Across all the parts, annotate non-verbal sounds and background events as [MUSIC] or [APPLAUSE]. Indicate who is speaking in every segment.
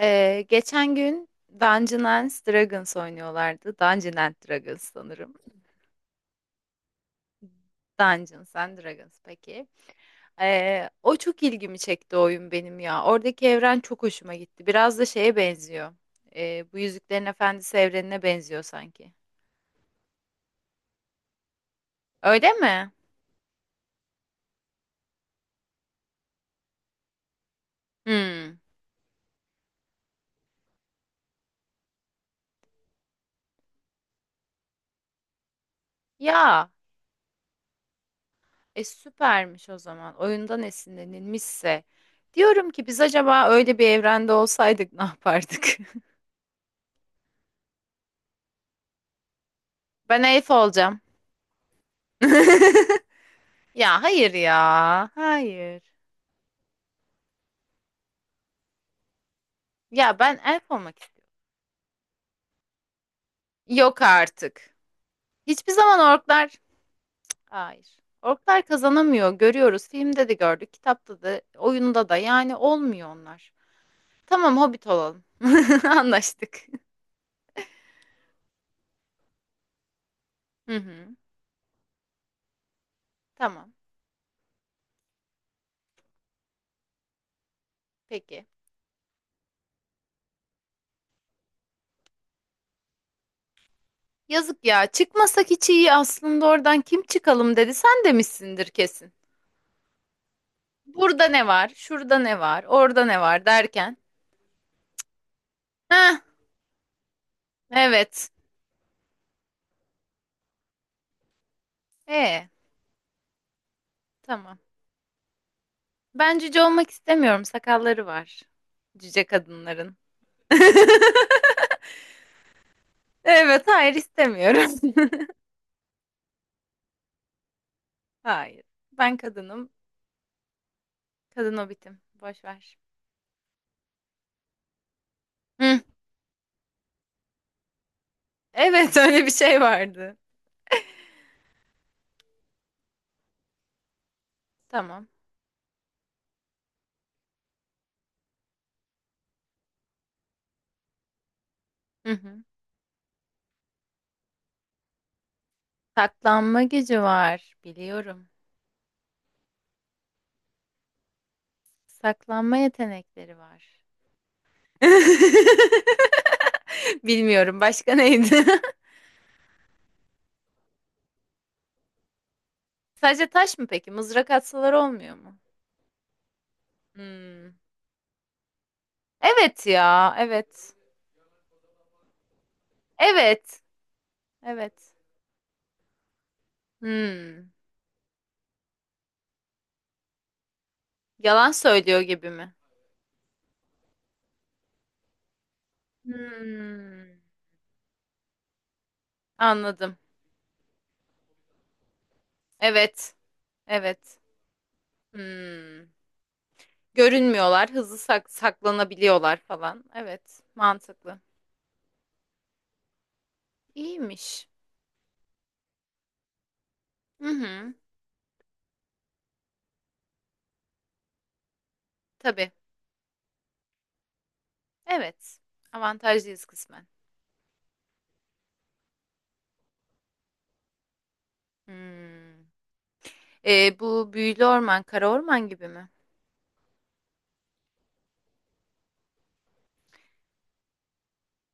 Speaker 1: Geçen gün Dungeons and Dragons oynuyorlardı. Dungeons and Dragons sanırım. Dungeons and Dragons peki. O çok ilgimi çekti oyun benim ya. Oradaki evren çok hoşuma gitti. Biraz da şeye benziyor. Bu Yüzüklerin Efendisi evrenine benziyor sanki. Öyle mi? Hmm. Ya, süpermiş o zaman. Oyundan esinlenilmişse. Diyorum ki biz acaba öyle bir evrende olsaydık ne yapardık? [LAUGHS] Ben elf olacağım. [LAUGHS] Ya hayır ya. Hayır. Ya ben elf olmak istiyorum. Yok artık. Hiçbir zaman orklar... Hayır. Orklar kazanamıyor. Görüyoruz. Filmde de gördük. Kitapta da, oyunda da. Yani olmuyor onlar. Tamam hobbit olalım. [LAUGHS] Anlaştık. Hı hı. Tamam. Peki. Yazık ya. Çıkmasak hiç iyi aslında oradan kim çıkalım dedi. Sen demişsindir kesin. Burada ne var? Şurada ne var? Orada ne var derken. Heh, evet. E tamam. Ben cüce olmak istemiyorum. Sakalları var. Cüce kadınların. [LAUGHS] Evet, hayır istemiyorum. [LAUGHS] Hayır. Ben kadınım. Kadın hobitim. Boş ver. Hı. Evet, [LAUGHS] öyle bir şey vardı. Tamam. Hı hı. Saklanma gücü var. Biliyorum. Saklanma yetenekleri var. [LAUGHS] Bilmiyorum. Başka neydi? [LAUGHS] Sadece taş mı peki? Mızrak atsalar olmuyor mu? Hmm. Evet ya. Evet. Evet. Evet. Hmm. Yalan söylüyor gibi mi? Hmm, anladım. Evet, evet. Hmm. Görünmüyorlar, saklanabiliyorlar falan. Evet, mantıklı. İyiymiş. Hı hı, tabii. Evet, avantajlıyız kısmen. Hmm. Bu büyülü orman, kara orman gibi mi?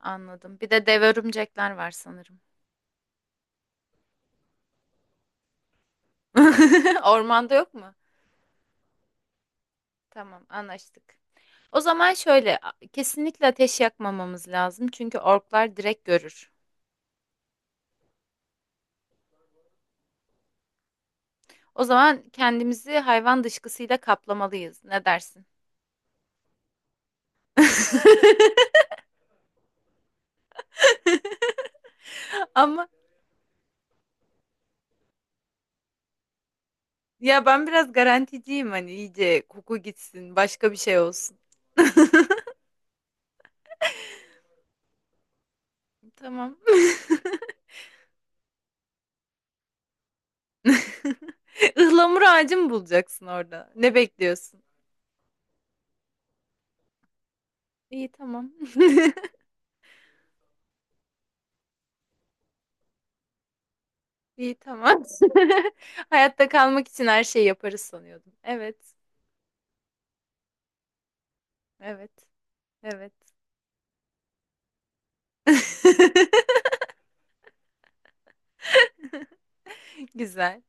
Speaker 1: Anladım. Bir de dev örümcekler var sanırım. [LAUGHS] Ormanda yok mu? Tamam, anlaştık. O zaman kesinlikle ateş yakmamamız lazım çünkü orklar direkt görür. O zaman kendimizi hayvan dışkısıyla kaplamalıyız. Ne dersin? [LAUGHS] Ama ya ben biraz garanticiyim hani iyice koku gitsin, başka bir şey olsun. Tamam. [LAUGHS] Ihlamur ağacı mı bulacaksın orada? Ne bekliyorsun? İyi tamam. [LAUGHS] İyi tamam. [LAUGHS] Hayatta kalmak için her şeyi yaparız sanıyordum. Evet. Evet. Evet. [LAUGHS] Güzel.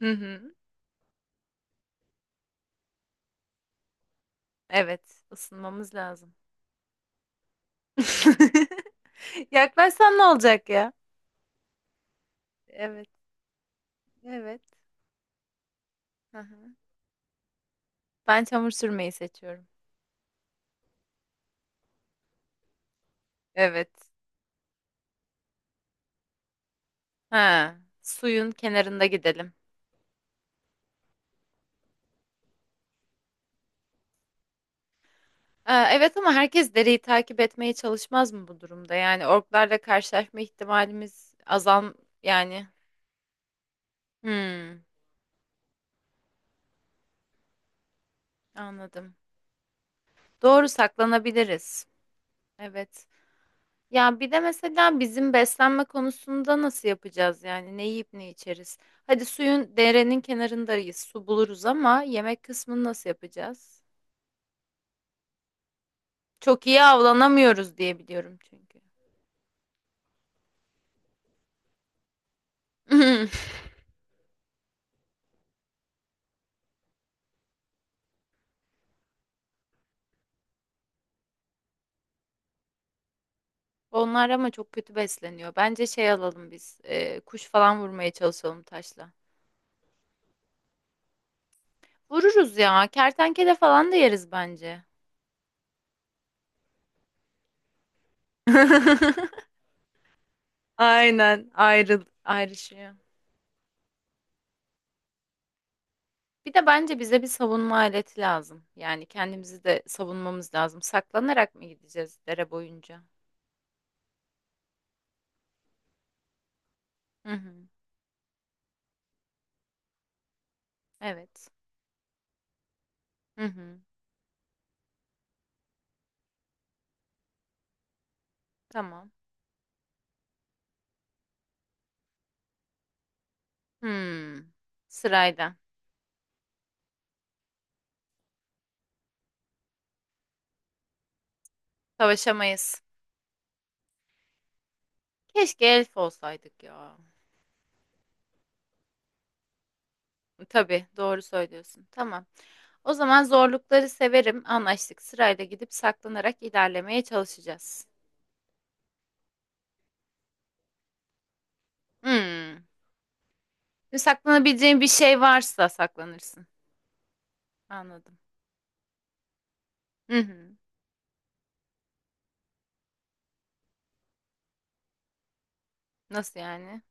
Speaker 1: Hı hı. Evet, ısınmamız lazım. [LAUGHS] Yaklaşsan ne olacak ya? Evet, evet. Hı hı. Ben çamur sürmeyi seçiyorum. Evet. Ha, suyun kenarında gidelim. Aa, evet ama herkes dereyi takip etmeye çalışmaz mı bu durumda? Yani orklarla karşılaşma ihtimalimiz azal yani. Hmm, anladım. Doğru saklanabiliriz. Evet. Ya bir de mesela bizim beslenme konusunda nasıl yapacağız yani ne yiyip ne içeriz? Hadi suyun derenin kenarındayız, su buluruz ama yemek kısmını nasıl yapacağız? Çok iyi avlanamıyoruz diye biliyorum çünkü. [LAUGHS] Onlar ama çok kötü besleniyor. Bence şey alalım biz, kuş falan vurmaya çalışalım taşla. Vururuz ya, kertenkele falan da yeriz bence. [LAUGHS] Aynen, ayrı ayrışıyor. Bir de bence bize bir savunma aleti lazım. Yani kendimizi de savunmamız lazım. Saklanarak mı gideceğiz dere boyunca? Hı hı. Evet. Hı hı. Tamam. Hmm. Sırayla. Savaşamayız. Keşke elf olsaydık ya. Tabii, doğru söylüyorsun. Tamam. O zaman zorlukları severim. Anlaştık. Sırayla gidip saklanarak ilerlemeye çalışacağız. Hmm. Saklanabileceğin bir şey varsa saklanırsın. Anladım. Hı hı. Nasıl yani?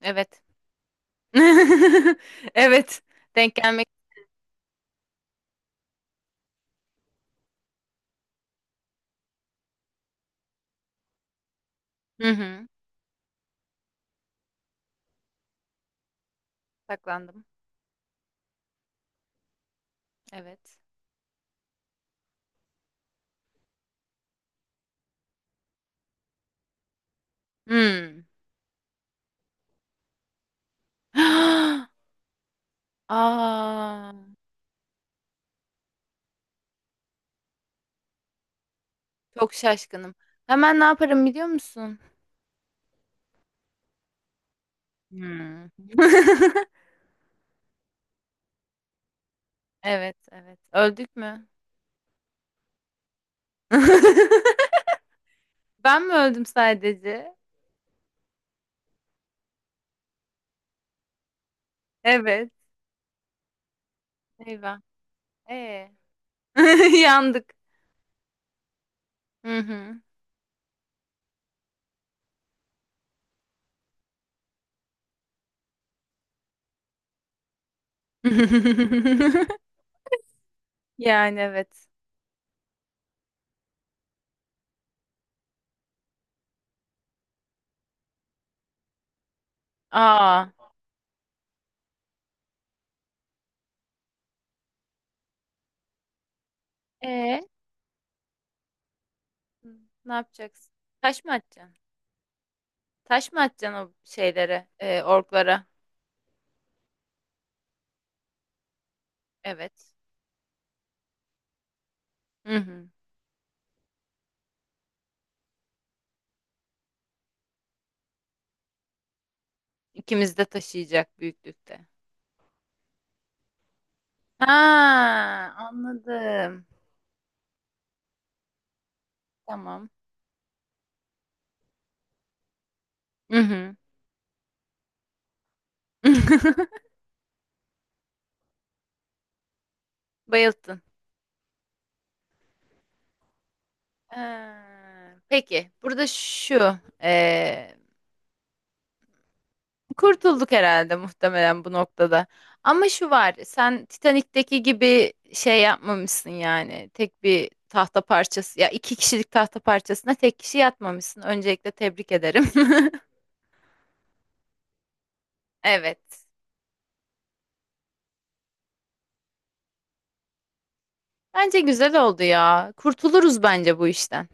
Speaker 1: Evet. [LAUGHS] Evet. Denk gelmek. Hı hı. Saklandım. Evet. Hmm. [GASPS] Aa, çok şaşkınım. Hemen ne yaparım biliyor musun? Hmm. [LAUGHS] Evet, evet. Öldük mü? [LAUGHS] Ben mi öldüm sadece? Evet. Eyvah. Ee. [LAUGHS] Yandık. Hı hı. [LAUGHS] Yani evet. Aa. Ee, ne yapacaksın? Taş mı atacaksın? Taş mı atacaksın o şeylere, orklara? Evet. Hı hı. İkimiz de taşıyacak büyüklükte. Ha, anladım. Tamam. Hı hı. [LAUGHS] Bayılttın. Ha, peki, kurtulduk herhalde muhtemelen bu noktada. Ama şu var, sen Titanik'teki gibi şey yapmamışsın yani. Tek bir tahta parçası, ya iki kişilik tahta parçasına tek kişi yatmamışsın. Öncelikle tebrik ederim. [LAUGHS] Evet. Bence güzel oldu ya. Kurtuluruz bence bu işten.